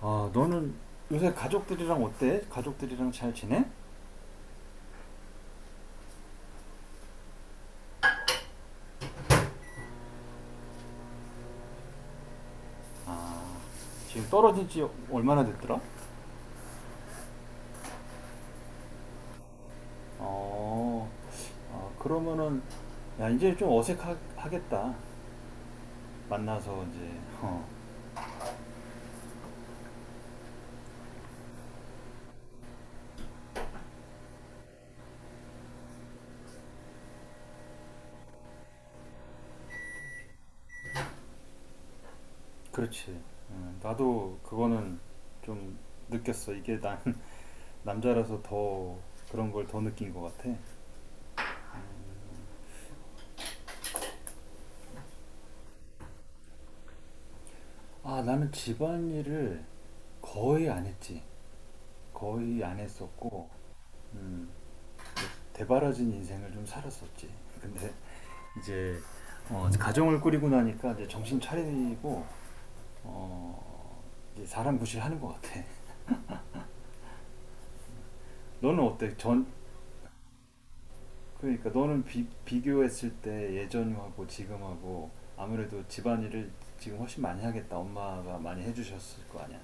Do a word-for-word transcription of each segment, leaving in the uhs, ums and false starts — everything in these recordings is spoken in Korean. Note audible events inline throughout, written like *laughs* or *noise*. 아, 너는 요새 가족들이랑 어때? 가족들이랑 잘 지내? 아, 지금 떨어진 지 얼마나 됐더라? 어, 아, 그러면은, 야, 이제 좀 어색하겠다. 만나서 이제, 어, 그렇지. 음, 나도 그거는 좀 느꼈어. 이게 난 *laughs* 남자라서 더 그런 걸 더 느낀 것 같아. 아, 나는 집안일을 거의 안 했지. 거의 안 했었고, 음, 대바라진 인생을 좀 살았었지. 근데 이제 어, 가정을 꾸리고 나니까 이제 정신 차리고 어, 이제 사람 구실하는 것 같아. 너는 어때? 전 그러니까 너는 비, 비교했을 때 예전하고 지금하고 아무래도 집안일을 지금 훨씬 많이 하겠다. 엄마가 많이 해주셨을 거 아니야.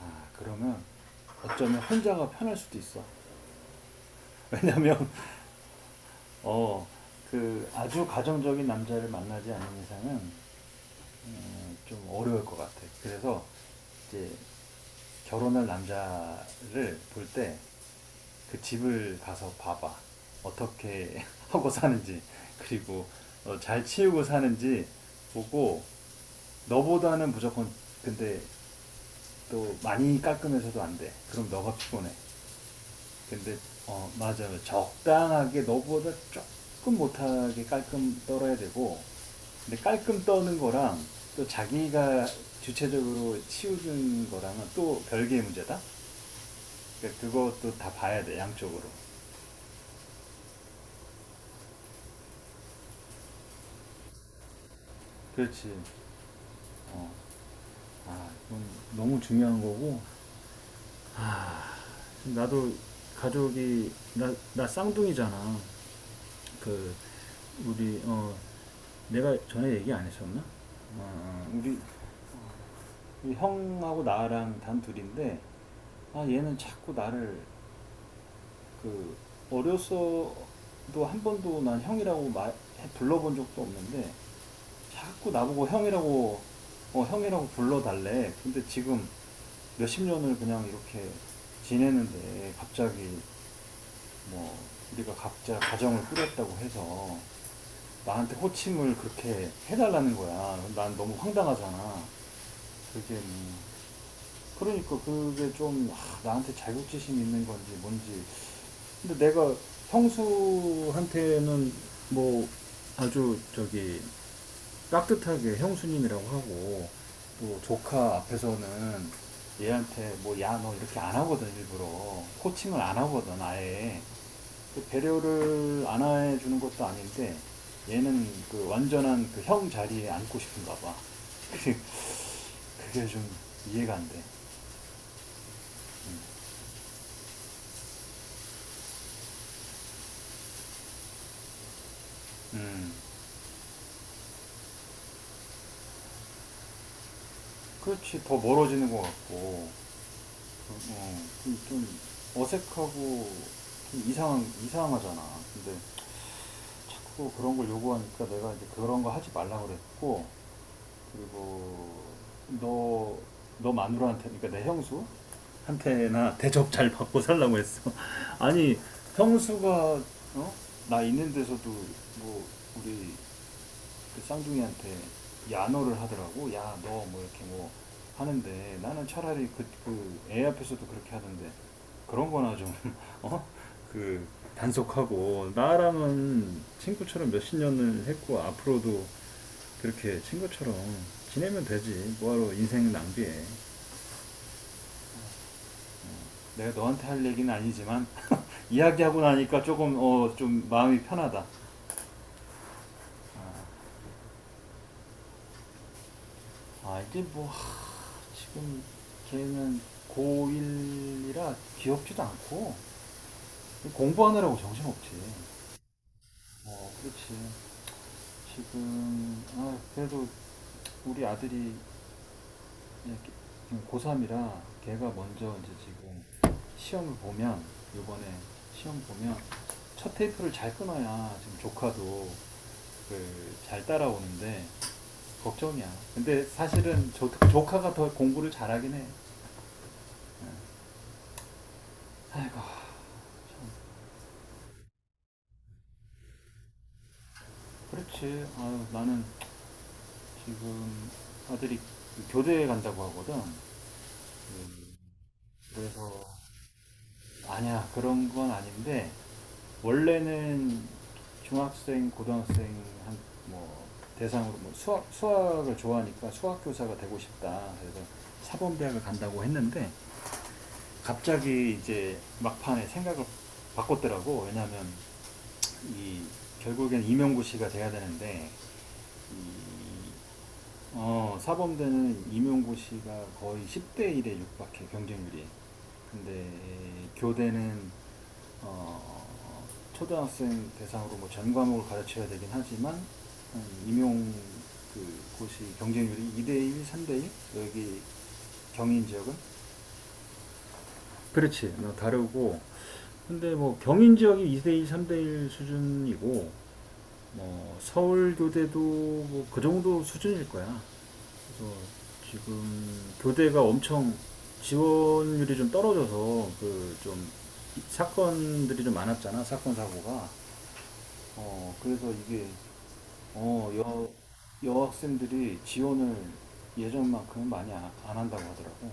아 그러면 어쩌면 혼자가 편할 수도 있어. 왜냐면 어 그 아주 가정적인 남자를 만나지 않는 이상은 음, 좀 어려울 것 같아. 그래서 이제 결혼할 남자를 볼 때 그 집을 가서 봐봐. 어떻게 *laughs* 하고 사는지, 그리고 어, 잘 치우고 사는지 보고 너보다는 무조건, 근데 또 많이 깎으면서도 안 돼. 그럼 너가 피곤해. 근데 어, 맞아요. 적당하게 너보다 조금 못하게 깔끔 떨어야 되고, 근데 깔끔 떠는 거랑 또 자기가 주체적으로 치우는 거랑은 또 별개의 문제다. 그러니까 그것도 다 봐야 돼, 양쪽으로. 그렇지. 어. 아 이건 너무 중요한 거고. 아, 나도 가족이 나, 나 쌍둥이잖아. 그 우리 어 내가 전에 얘기 안 했었나? 어, 어, 우리, 우리 형하고 나랑 단 둘인데 아 얘는 자꾸 나를 그 어려서도 한 번도 난 형이라고 말 불러본 적도 없는데 자꾸 나보고 형이라고, 어 형이라고 불러달래. 근데 지금 몇십 년을 그냥 이렇게 지내는데 갑자기 뭐 우리가 각자 가정을 꾸렸다고 해서 나한테 호칭을 그렇게 해달라는 거야. 난 너무 황당하잖아. 그게 뭐, 그러니까 그게 좀, 아, 나한테 자격지심 있는 건지 뭔지. 근데 내가 형수한테는 뭐 아주 저기 깍듯하게 형수님이라고 하고, 또 조카 앞에서는 얘한테 뭐 야 너 이렇게 안 하거든, 일부러 코칭을 안 하거든 아예. 그 배려를 안 해주는 것도 아닌데 얘는 그 완전한 그 형 자리에 앉고 싶은가 봐. *laughs* 그게, 그게 좀 이해가 안돼. 음 그렇지 더 멀어지는 것 같고, 어, 좀 어색하고 좀 이상한 이상하잖아. 근데 자꾸 그런 걸 요구하니까 내가 이제 그런 거 하지 말라 그랬고, 그리고 너 너 마누라한테, 그러니까 내 형수 한테나 대접 잘 받고 살라고 했어. *laughs* 아니 형수가, 어? 나 있는 데서도 뭐 우리 그 쌍둥이한테 야노를 하더라고. 야, 너 뭐 이렇게 뭐 하는데, 나는 차라리 그, 그 애 앞에서도 그렇게 하던데 그런 거나 좀, *laughs* 어? 그 단속하고 나랑은 친구처럼 몇 십 년을 했고 앞으로도 그렇게 친구처럼 지내면 되지. 뭐하러 인생 낭비해. 내가 너한테 할 얘기는 아니지만 *laughs* 이야기하고 나니까 조금 어 좀 마음이 편하다. 아 이게 뭐, 지금 걔는 고일이라 귀엽지도 않고 공부하느라고 정신없지. 어, 그렇지. 지금, 아, 그래도 우리 아들이 고삼이라 걔가 먼저 이제 지금 시험을 보면, 요번에 시험 보면 첫 테이프를 잘 끊어야 지금 조카도 그 잘 따라오는데 걱정이야. 근데 사실은 조, 조카가 더 공부를 잘하긴 해. 예. 아이고, 참. 그렇지. 아유, 나는 지금 아들이 그 교대에 간다고 하거든. 그, 그래서 아니야, 그런 건 아닌데 원래는 중학생 고등학생 한 뭐 대상으로 뭐 수학 수학을 좋아하니까 수학 교사가 되고 싶다 그래서 사범대학을 간다고 했는데, 갑자기 이제 막판에 생각을 바꿨더라고. 왜냐하면 이 결국엔 임용고시가 돼야 되는데 이, 어, 사범대는 임용고시가 거의 십 대 일에 육박해, 경쟁률이. 근데 교대는 어, 초등학생 대상으로 뭐 전 과목을 가르쳐야 되긴 하지만, 음, 임용 그 곳이 경쟁률이 이 대일, 3대1, 여기 경인 지역은. 그렇지. 어, 다르고. 근데 뭐 경인 지역이 이 대 일, 삼 대일 수준이고 뭐 서울 교대도 뭐 그 정도 수준일 거야. 그래서 지금 교대가 엄청 지원율이 좀 떨어져서 그 좀 사건들이 좀 많았잖아. 사건 사고가. 어, 그래서 이게, 어, 여, 여학생들이 지원을 예전만큼 많이 안, 안 한다고 하더라고.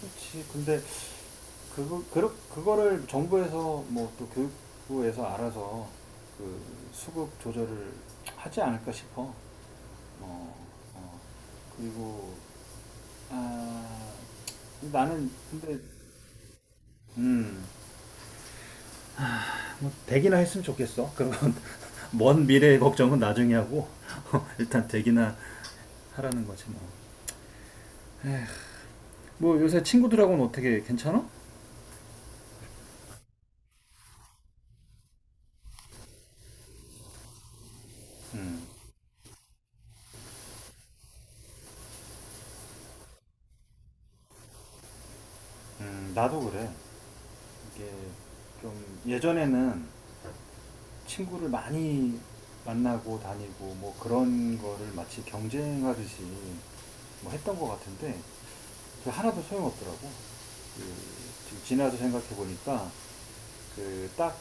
그렇지. 근데, 그거, 그러, 그거를 정부에서 뭐 또 교육부에서 알아서 그 수급 조절을 하지 않을까 싶어. 어, 어. 그리고, 아, 나는, 근데, 음, 뭐 되기나 했으면 좋겠어. 그건 *laughs* 먼 미래의 걱정은 나중에 하고, *laughs* 일단 되기나 하라는 거지 뭐. 뭐 요새 친구들하고는 어떻게 괜찮아? 음, 음, 나도 그래. 이게 좀 예전에는 친구를 많이 만나고 다니고 뭐 그런 거를 마치 경쟁하듯이 뭐 했던 것 같은데 그 하나도 소용없더라고. 그 지금 지나서 생각해 보니까 그 딱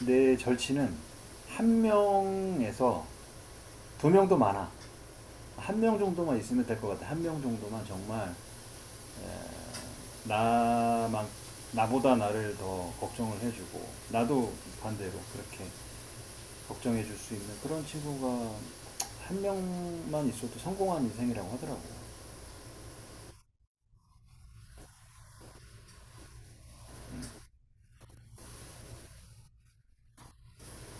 내 절친은 한 명에서 두 명도 많아. 한명 정도만 있으면 될 것 같아. 한명 정도만 정말, 예, 나만, 나보다 나를 더 걱정을 해주고 나도 반대로 그렇게 걱정해줄 수 있는 그런 친구가 한 명만 있어도 성공한 인생이라고 하더라고요.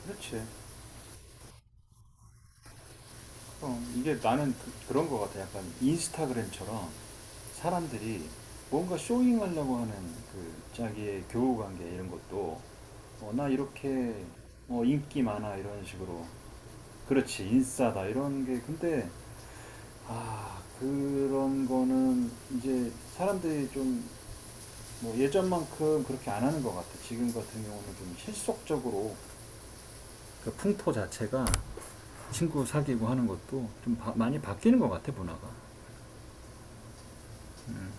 그렇지. 그럼 이게 나는 그, 런것 같아. 약간 인스타그램처럼 사람들이 뭔가 쇼잉하려고 하는 그 자기의 교우관계 이런 것도, 어, 나 이렇게 어, 인기 많아 이런 식으로, 그렇지 인싸다 이런 게. 근데 아, 그런 거는 이제 사람들이 좀 뭐 예전만큼 그렇게 안 하는 것 같아. 지금 같은 경우는 좀 실속적으로 그 풍토 자체가 친구 사귀고 하는 것도 좀 바- 많이 바뀌는 것 같아, 문화가. 음,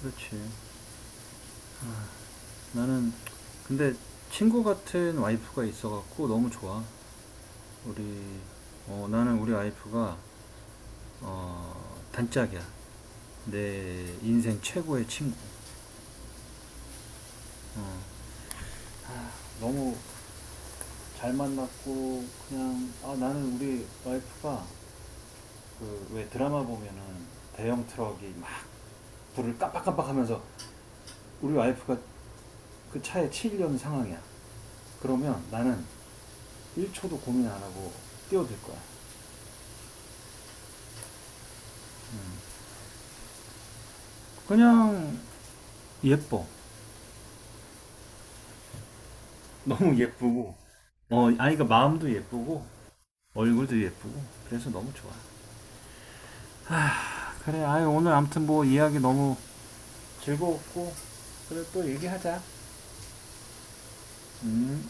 그렇지. 아, 나는 근데 친구 같은 와이프가 있어갖고 너무 좋아. 우리 어, 나는 우리 와이프가 어, 단짝이야. 내 인생 최고의 친구. 어. 아, 너무 잘 만났고 그냥 아 나는 우리 와이프가 그 왜 드라마 보면은 대형 트럭이 막 불을 깜빡깜빡하면서 우리 와이프가 그 차에 치이려는 상황이야. 그러면 나는 일 초도 고민 안 하고 뛰어들 거야. 그냥 예뻐. 너무 예쁘고 어 아이가 마음도 예쁘고 얼굴도 예쁘고 그래서 너무 좋아. 아, 그래 아이 오늘 아무튼 뭐 이야기 너무 즐거웠고 그래 또 얘기하자. 음.